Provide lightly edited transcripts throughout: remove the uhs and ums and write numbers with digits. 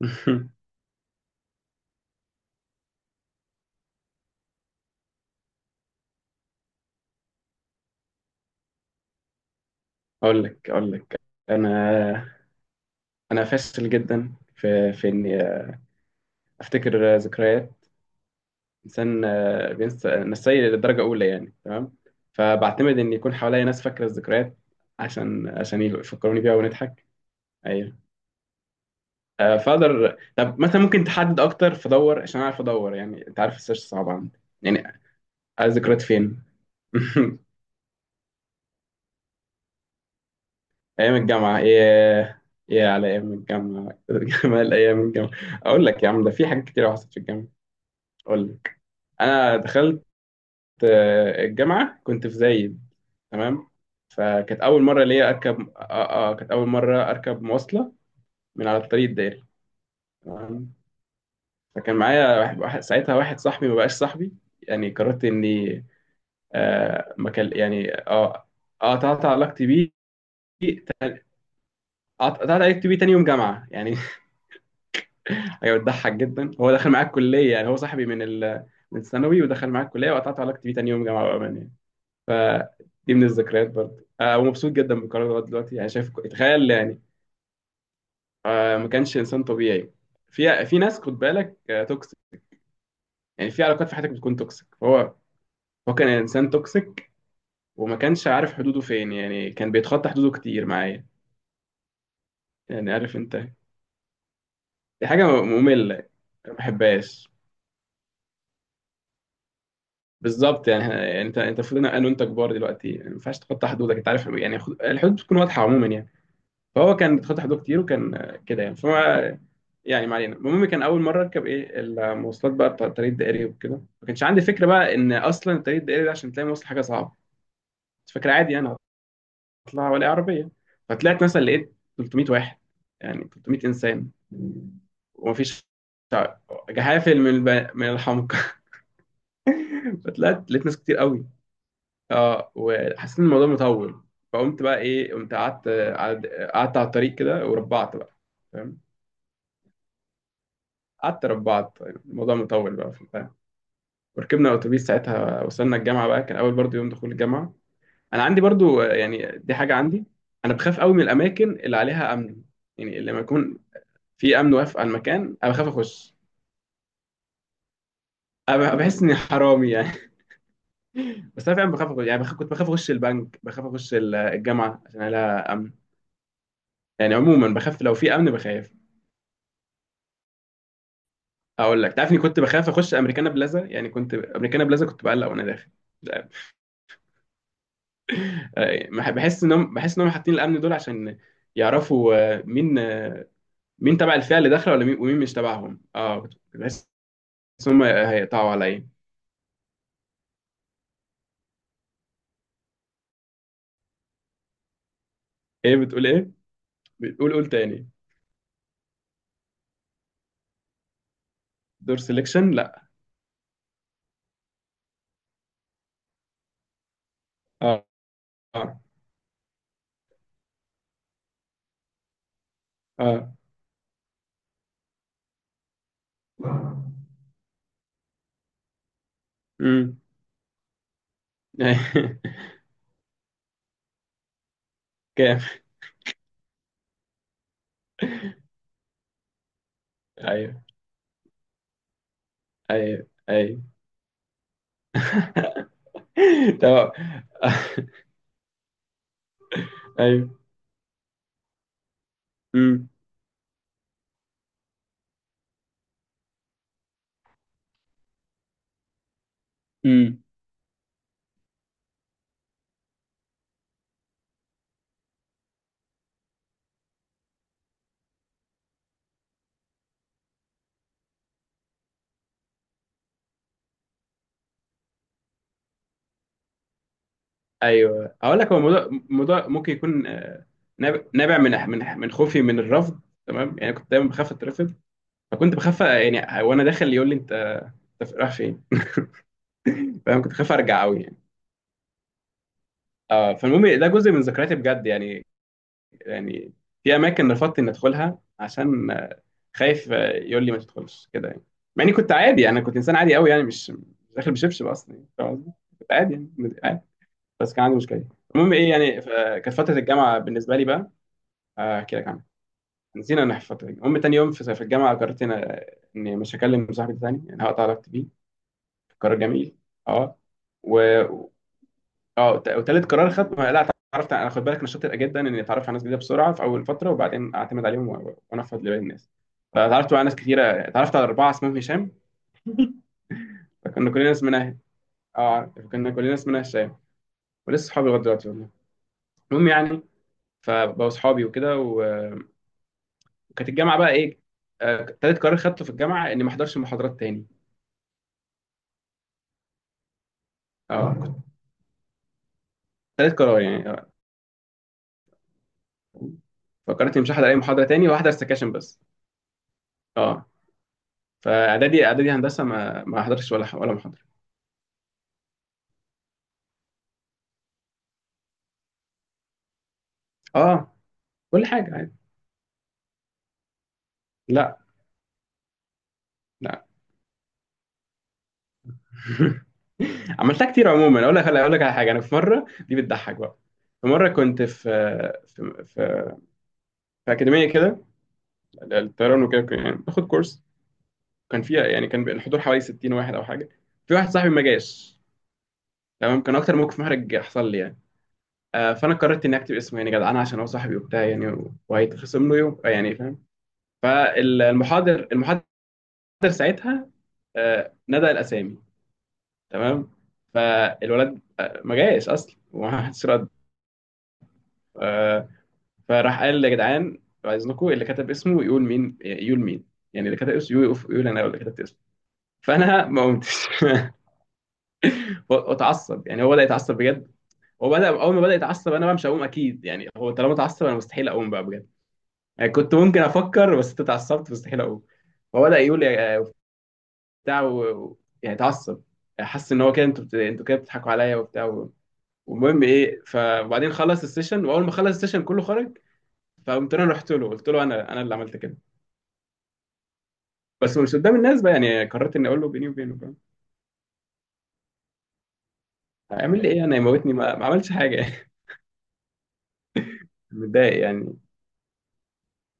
اقول لك. انا انا فاشل جدا في اني افتكر ذكريات. انسان، بينسى نسي للدرجه اولى يعني، تمام. فبعتمد ان يكون حواليا ناس فاكره الذكريات عشان يفكروني بيها ونضحك. ايوه. فاقدر طب مثلا ممكن تحدد اكتر، فدور عشان اعرف ادور. يعني انت عارف السيرش صعب عندي يعني. عايز ذكريات فين؟ ايام الجامعه؟ ايه على ايام الجامعه. جمال ايام الجامعه. اقول لك يا عم، ده في حاجات كتير حصلت في الجامعه. اقول لك، انا دخلت الجامعه، كنت في زايد. تمام. فكانت اول مره ليا اركب كانت اول مره اركب مواصله من على الطريق الدائري. تمام. فكان معايا ساعتها واحد صاحبي ما بقاش صاحبي. يعني قررت اني ما كان يعني، اه قطعت علاقتي بيه. تاني- قطعت علاقتي بيه تاني يوم جامعه يعني. حاجه بتضحك جدا، هو دخل معايا الكليه. يعني هو صاحبي من الثانوي، ودخل معايا الكليه، وقطعت علاقتي بيه تاني يوم جامعه بامانه يعني. فدي من الذكريات برضه. ومبسوط جدا بالقرار لغايه دلوقتي يعني. شايف، تخيل يعني. ما كانش انسان طبيعي. في ناس خد بالك توكسيك. يعني في علاقات في حياتك بتكون توكسيك. فهو كان انسان توكسيك، وما كانش عارف حدوده فين. يعني كان بيتخطى حدوده كتير معايا، يعني عارف انت. دي حاجه ممله يعني، ما بحبهاش بالظبط. يعني يعني انت المفروض، انا وانت كبار دلوقتي، يعني ما ينفعش تخطى حدودك انت عارف يعني. الحدود بتكون واضحه عموما يعني. فهو كان بيتخطى حدوده كتير، وكان كده يعني فما. يعني ما علينا. المهم، كان اول مره اركب ايه المواصلات بقى بتاع الطريق الدائري وكده. ما كانش عندي فكره بقى ان اصلا الطريق الدائري ده، عشان تلاقي مواصل حاجه صعبه. كنت فاكر عادي انا هطلع ولا عربيه. فطلعت مثلا لقيت 300 واحد، يعني 300 انسان. ومفيش شعب. جحافل من الحمق. فطلعت لقيت ناس كتير قوي. اه وحسيت ان الموضوع مطول. فقمت بقى ايه، قمت قعدت، قعدت على الطريق كده، وربعت بقى. فاهم، قعدت ربعت، الموضوع مطول بقى. وركبنا اتوبيس ساعتها، وصلنا الجامعه بقى. كان اول برضو يوم دخول الجامعه. انا عندي برضو يعني دي حاجه عندي، انا بخاف قوي من الاماكن اللي عليها امن. يعني لما يكون في امن واقف على المكان، انا بخاف اخش، انا بحس اني حرامي يعني. بس انا فعلا بخاف اخش، يعني بخاف. كنت بخاف اخش البنك، بخاف اخش الجامعه عشان لها امن. يعني عموما بخاف، لو في امن بخاف. اقول لك، تعرفني كنت بخاف اخش امريكانا بلازا. يعني كنت امريكانا بلازا كنت بقلق وانا داخل، مش عارف. بحس انهم حاطين الامن دول عشان يعرفوا مين تبع الفئة اللي داخلة، ولا مين، ومين مش تبعهم. اه كنت بحس ان هم هيقطعوا عليا. ايه بتقول، ايه؟ بتقول قول تاني. دور سيلكشن؟ لا. اه، اه، اه. امم. كام؟ ايوه، ايوه، ايوه. تمام. ايوه. امم، امم. ايوه، هقول لك. هو الموضوع ممكن يكون نابع من خوفي من الرفض. تمام، يعني كنت دايما بخاف اترفض. فكنت بخاف يعني وانا داخل يقول لي انت رايح فين. فاهم، كنت خايف ارجع قوي يعني. اه فالمهم، ده جزء من ذكرياتي بجد يعني. يعني في اماكن رفضت اني ادخلها عشان خايف، يقول لي ما تدخلش كده يعني. مع اني كنت عادي. يعني انا كنت انسان عادي قوي، يعني مش داخل بشبشب اصلا يعني، فاهم قصدي؟ كنت عادي يعني، عادي، بس كان عندي مشكله. المهم ايه يعني، كانت فتره الجامعه بالنسبه لي بقى، احكي لك عنها. نسينا ان في فتره الجامعة. المهم تاني يوم في الجامعه قررت اني مش هكلم صاحبي ده تاني، يعني هقطع علاقتي بيه. قرار جميل. اه و... اه وتالت قرار خدته، لا، اتعرفت. انا خد بالك، انا شاطر جدا اني اتعرف على ناس جديده بسرعه في اول فتره، وبعدين اعتمد عليهم وانفض لباقي الناس. فاتعرفت بقى على ناس كتيره، اتعرفت على اربعه اسمهم هشام. فكنا كلنا اسمنا اه عارف. كنا كلنا اسمنا هشام. ولسه صحابي لغايه دلوقتي والله. المهم يعني، فبقوا صحابي وكده، وكانت الجامعه بقى ايه. تالت قرار خدته في الجامعه اني ما احضرش محاضرات تاني. اه كنت- تالت قرار يعني فكرت مش هحضر اي محاضره تاني، وهحضر سكاشن بس. اه فاعدادي، اعدادي هندسه ما احضرش ولا محاضره. اه، كل حاجه عادي. لا، لا. عملتها كتير عموما. اقول لك، على حاجه، انا في مره دي بتضحك بقى. في مره كنت في، في في, في اكاديميه كده الطيران وكده، يعني باخد كورس. كان فيها يعني كان الحضور حوالي 60 واحد او حاجه. في واحد صاحبي ما جاش. تمام. كان اكتر موقف محرج حصل لي يعني. فانا قررت اني اكتب اسمه. يعني جدعان، عشان هو صاحبي وبتاع يعني، وهيتخصم له يوم، يعني فاهم. المحاضر ساعتها نادى الاسامي. تمام. فالولد ما جايش اصلا، وما حدش رد. آه، فراح قال يا جدعان، بعد اذنكم اللي كتب اسمه يقول مين، يقول مين. يعني اللي كتب اسمه يقول، انا اللي كتبت اسمه. فانا ما قمتش. واتعصب يعني، هو بدا يتعصب بجد. هو بدا، اول ما بدا يتعصب انا بقى مش هقوم اكيد. يعني هو طالما اتعصب، انا مستحيل اقوم بقى بجد يعني. كنت ممكن افكر، بس انت اتعصبت مستحيل اقوم. هو بدا يقول بتاع يعني اتعصب. حس ان هو كده، انتوا انتوا كده بتضحكوا عليا وبتاع. والمهم ايه، فبعدين خلص السيشن، واول ما خلص السيشن كله خرج. فقمت انا رحت له، قلت له، انا اللي عملت كده، بس مش قدام الناس بقى. يعني قررت اني اقول له بيني وبينه، فاهم. هيعمل لي ايه انا، يموتني؟ ما عملش حاجه يعني. متضايق يعني.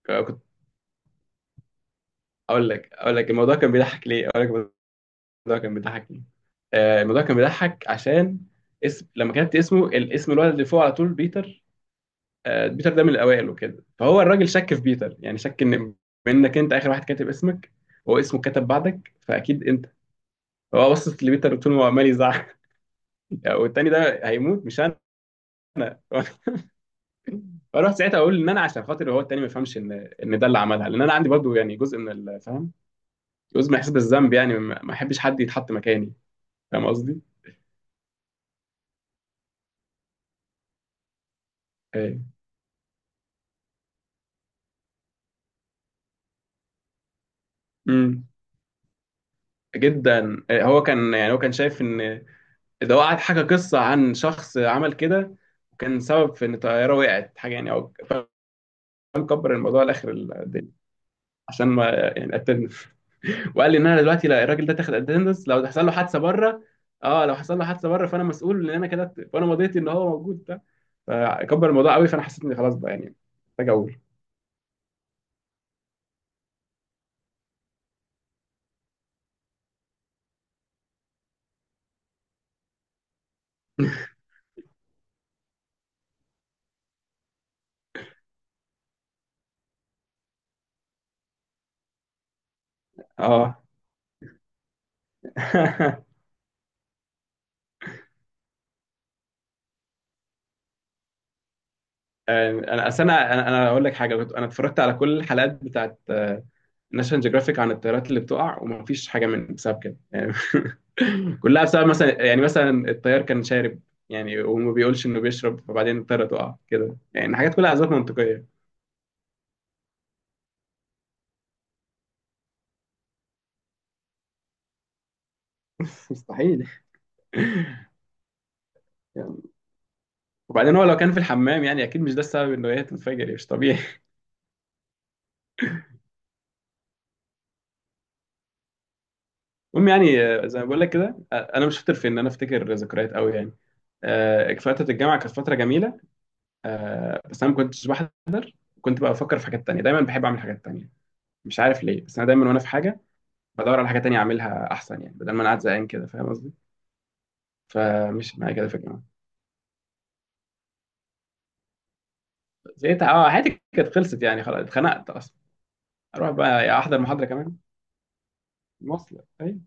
كنت اقول لك، الموضوع كان بيضحك ليه. اقول لك، الموضوع كان بيضحك ليه. الموضوع كان بيضحك عشان اسم، لما كتبت اسمه، الاسم الولد اللي فوق على طول بيتر. بيتر ده من الاوائل وكده، فهو الراجل شك في بيتر. يعني شك ان، منك انت اخر واحد كاتب اسمك، هو اسمه كتب بعدك، فاكيد انت. هو بصت لبيتر طول ما هو عمال يزعق. والتاني ده هيموت، مش انا. فاروح ساعتها اقول ان انا، عشان خاطر هو التاني ما يفهمش ان، ده اللي عملها. لان انا عندي برضه يعني جزء من الفهم، جزء من احساس بالذنب. يعني ما احبش حد يتحط مكاني، فاهم قصدي؟ ايه، امم، جدا. إيه، هو كان يعني هو كان شايف ان ده، هو قعد حكى قصه عن شخص عمل كده، وكان سبب في ان الطياره وقعت حاجه يعني، او فاهم. كبر الموضوع لاخر الدنيا، عشان ما يعني قتلنا. وقال لي ان انا دلوقتي، لا، الراجل ده تاخد اتندنس لو حصل له حادثه بره. اه لو حصل له حادثه بره، فانا مسؤول ان انا كده، فانا مضيت ان هو موجود ده. فكبر الموضوع قوي، فانا حسيت اني خلاص بقى، يعني محتاج اقول اه. انا اصل انا اقول لك حاجه. انا اتفرجت على كل الحلقات بتاعت ناشونال جيوغرافيك عن الطيارات اللي بتقع، ومفيش حاجه من بسبب كده يعني. كلها بسبب، مثلا يعني مثلا الطيار كان شارب، يعني وما بيقولش انه بيشرب، فبعدين الطياره تقع كده. يعني حاجات كلها اسباب منطقيه. مستحيل يعني. وبعدين هو لو كان في الحمام يعني، اكيد مش ده السبب انه هي تنفجر يعني، مش طبيعي. المهم يعني، زي ما بقول لك كده، انا مش شاطر في ان انا افتكر ذكريات قوي يعني. فتره الجامعه كانت فتره جميله. بس انا ما كنتش بحد. كنت بقى بفكر في حاجات تانية دايما، بحب اعمل حاجات تانية. مش عارف ليه، بس انا دايما وانا في حاجه بدور على حاجه تانية اعملها احسن، يعني بدل ما انا قاعد زهقان كده، فاهم قصدي. فمش معايا كده في الجامعه. زهقت. اه حياتي كانت خلصت يعني خلاص، اتخنقت اصلا. اروح بقى احضر محاضره كمان مواصله أيوه.